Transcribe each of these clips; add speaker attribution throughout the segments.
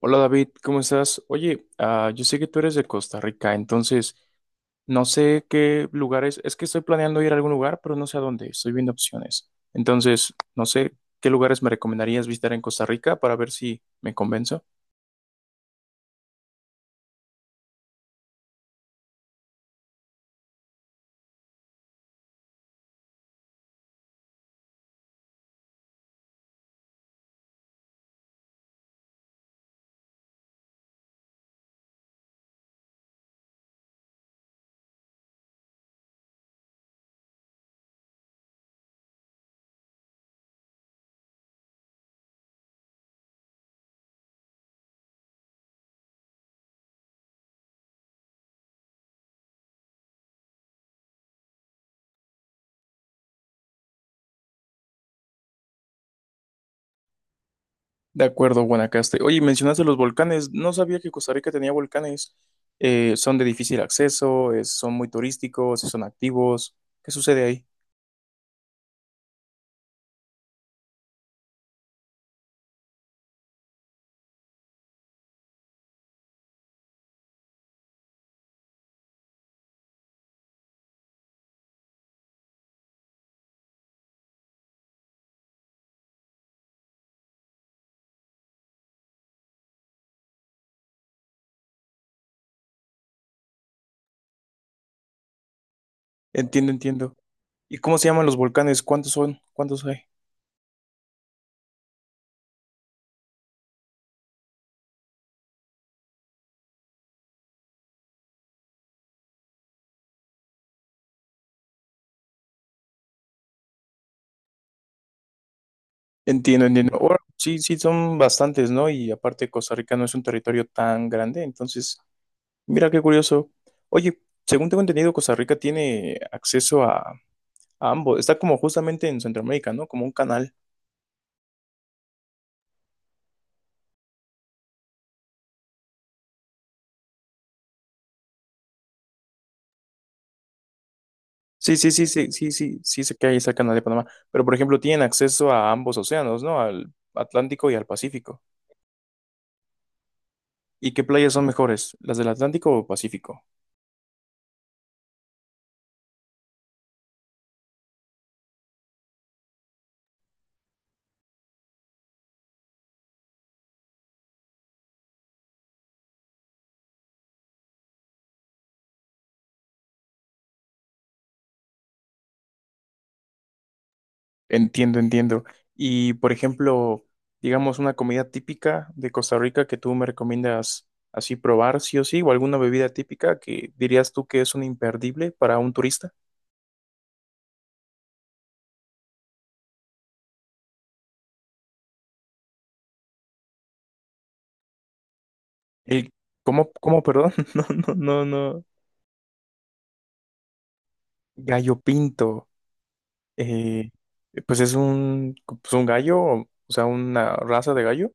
Speaker 1: Hola David, ¿cómo estás? Oye, yo sé que tú eres de Costa Rica, entonces no sé qué lugares, es que estoy planeando ir a algún lugar, pero no sé a dónde, estoy viendo opciones. Entonces, no sé qué lugares me recomendarías visitar en Costa Rica para ver si me convenzo. De acuerdo, Guanacaste. Oye, mencionaste los volcanes, no sabía que Costa Rica tenía volcanes. Son de difícil acceso, son muy turísticos, son activos. ¿Qué sucede ahí? Entiendo, entiendo. ¿Y cómo se llaman los volcanes? ¿Cuántos son? ¿Cuántos hay? Entiendo, entiendo. Ahora, sí, sí, son bastantes, ¿no? Y aparte, Costa Rica no es un territorio tan grande, entonces, mira qué curioso. Oye, según tengo entendido, Costa Rica tiene acceso a ambos. Está como justamente en Centroamérica, ¿no? Como un canal. Sí, sí, sí, sí, sí, sí, sí, sé que ahí está el canal de Panamá. Pero, por ejemplo, tienen acceso a ambos océanos, ¿no? Al Atlántico y al Pacífico. ¿Y qué playas son mejores, las del Atlántico o Pacífico? Entiendo, entiendo. Y por ejemplo, digamos una comida típica de Costa Rica que tú me recomiendas así probar, sí o sí, o alguna bebida típica que dirías tú que es un imperdible para un turista. El, ¿cómo, perdón? No, no, no, no. Gallo pinto. Eh, pues es pues un gallo, o sea, una raza de gallo.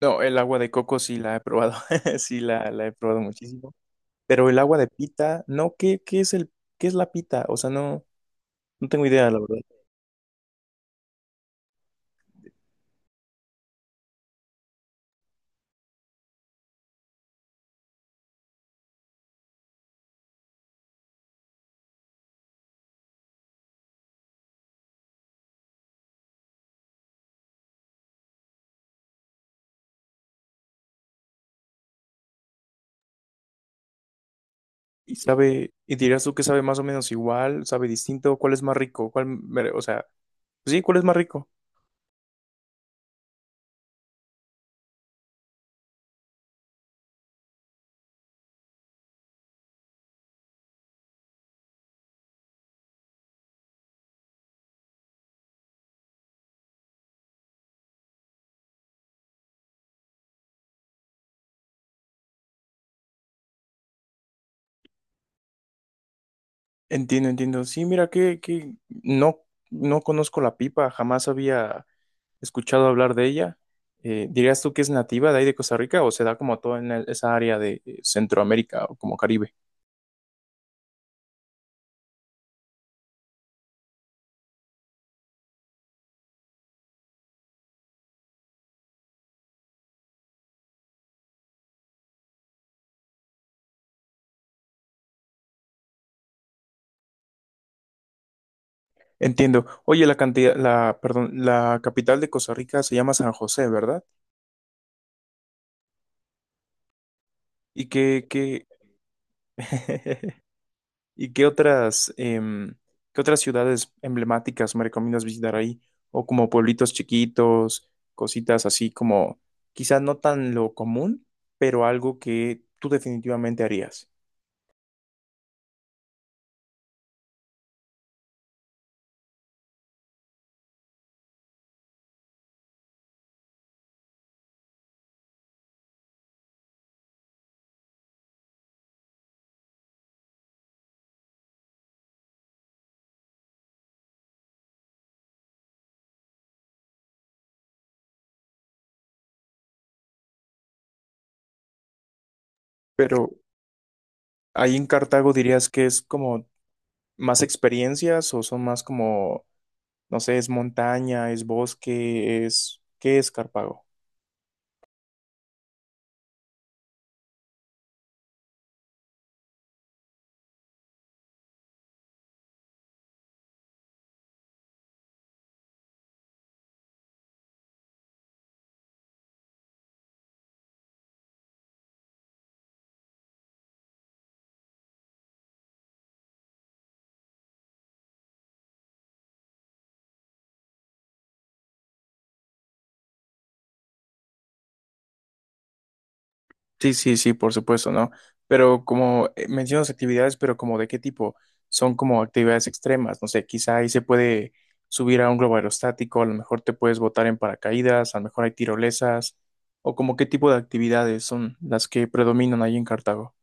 Speaker 1: No, el agua de coco sí la he probado, sí la he probado muchísimo. Pero el agua de pita, no, ¿qué es el, qué es la pita? O sea, no. No tengo idea, la verdad. ¿Y sabe, y dirías tú que sabe más o menos igual, sabe distinto? ¿Cuál es más rico? O sea, sí, ¿cuál es más rico? Entiendo, entiendo. Sí, mira que no, no conozco la pipa, jamás había escuchado hablar de ella. ¿Dirías tú que es nativa de ahí de Costa Rica o se da como toda en esa área de Centroamérica o como Caribe? Entiendo. Oye, perdón, la capital de Costa Rica se llama San José, ¿verdad? ¿Y que ¿Y qué otras, qué otras ciudades emblemáticas me recomiendas visitar ahí? O como pueblitos chiquitos, cositas así como quizás no tan lo común, pero algo que tú definitivamente harías. Pero ahí en Cartago dirías que es como más experiencias o son más como, no sé, es montaña, es bosque, es, ¿qué es Cartago? Sí, sí, sí, por supuesto, ¿no? Pero como mencionas actividades, pero como de qué tipo, son como actividades extremas, no sé, quizá ahí se puede subir a un globo aerostático, a lo mejor te puedes botar en paracaídas, a lo mejor hay tirolesas, o como qué tipo de actividades son las que predominan ahí en Cartago.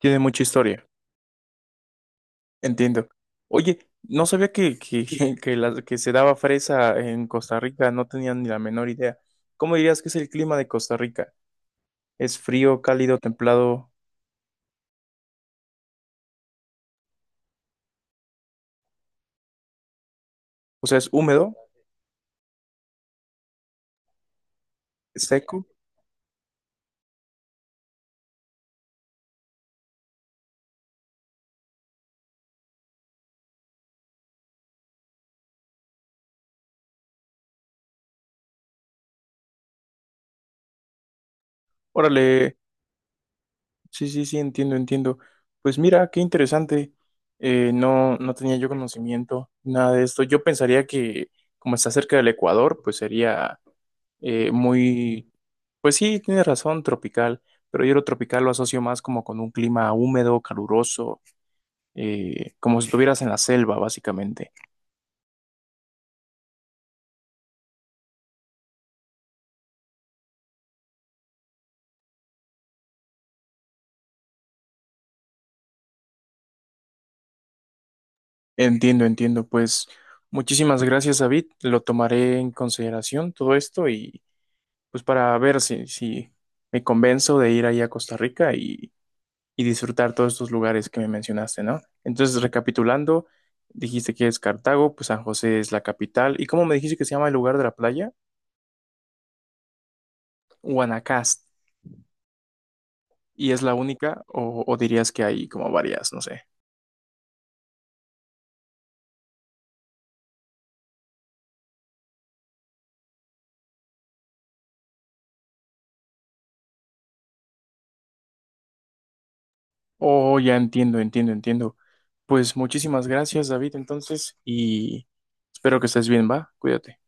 Speaker 1: Tiene mucha historia, entiendo. Oye, no sabía que, que, que se daba fresa en Costa Rica, no tenía ni la menor idea. ¿Cómo dirías que es el clima de Costa Rica? ¿Es frío, cálido, templado? O sea, ¿es húmedo? Seco. Órale, sí, sí, sí, entiendo, entiendo. Pues mira, qué interesante. No, no tenía yo conocimiento, nada de esto. Yo pensaría que como está cerca del Ecuador, pues sería muy, pues sí, tienes razón, tropical, pero yo lo tropical lo asocio más como con un clima húmedo, caluroso, como si estuvieras en la selva, básicamente. Entiendo, entiendo. Pues muchísimas gracias, David. Lo tomaré en consideración todo esto y pues para ver si, si me convenzo de ir ahí a Costa Rica y disfrutar todos estos lugares que me mencionaste, ¿no? Entonces, recapitulando, dijiste que es Cartago, pues San José es la capital. ¿Y cómo me dijiste que se llama el lugar de la playa? Guanacaste. ¿Y es la única? O dirías que hay como varias? No sé. Oh, ya entiendo, entiendo, entiendo. Pues muchísimas gracias, David, entonces, y espero que estés bien, ¿va? Cuídate.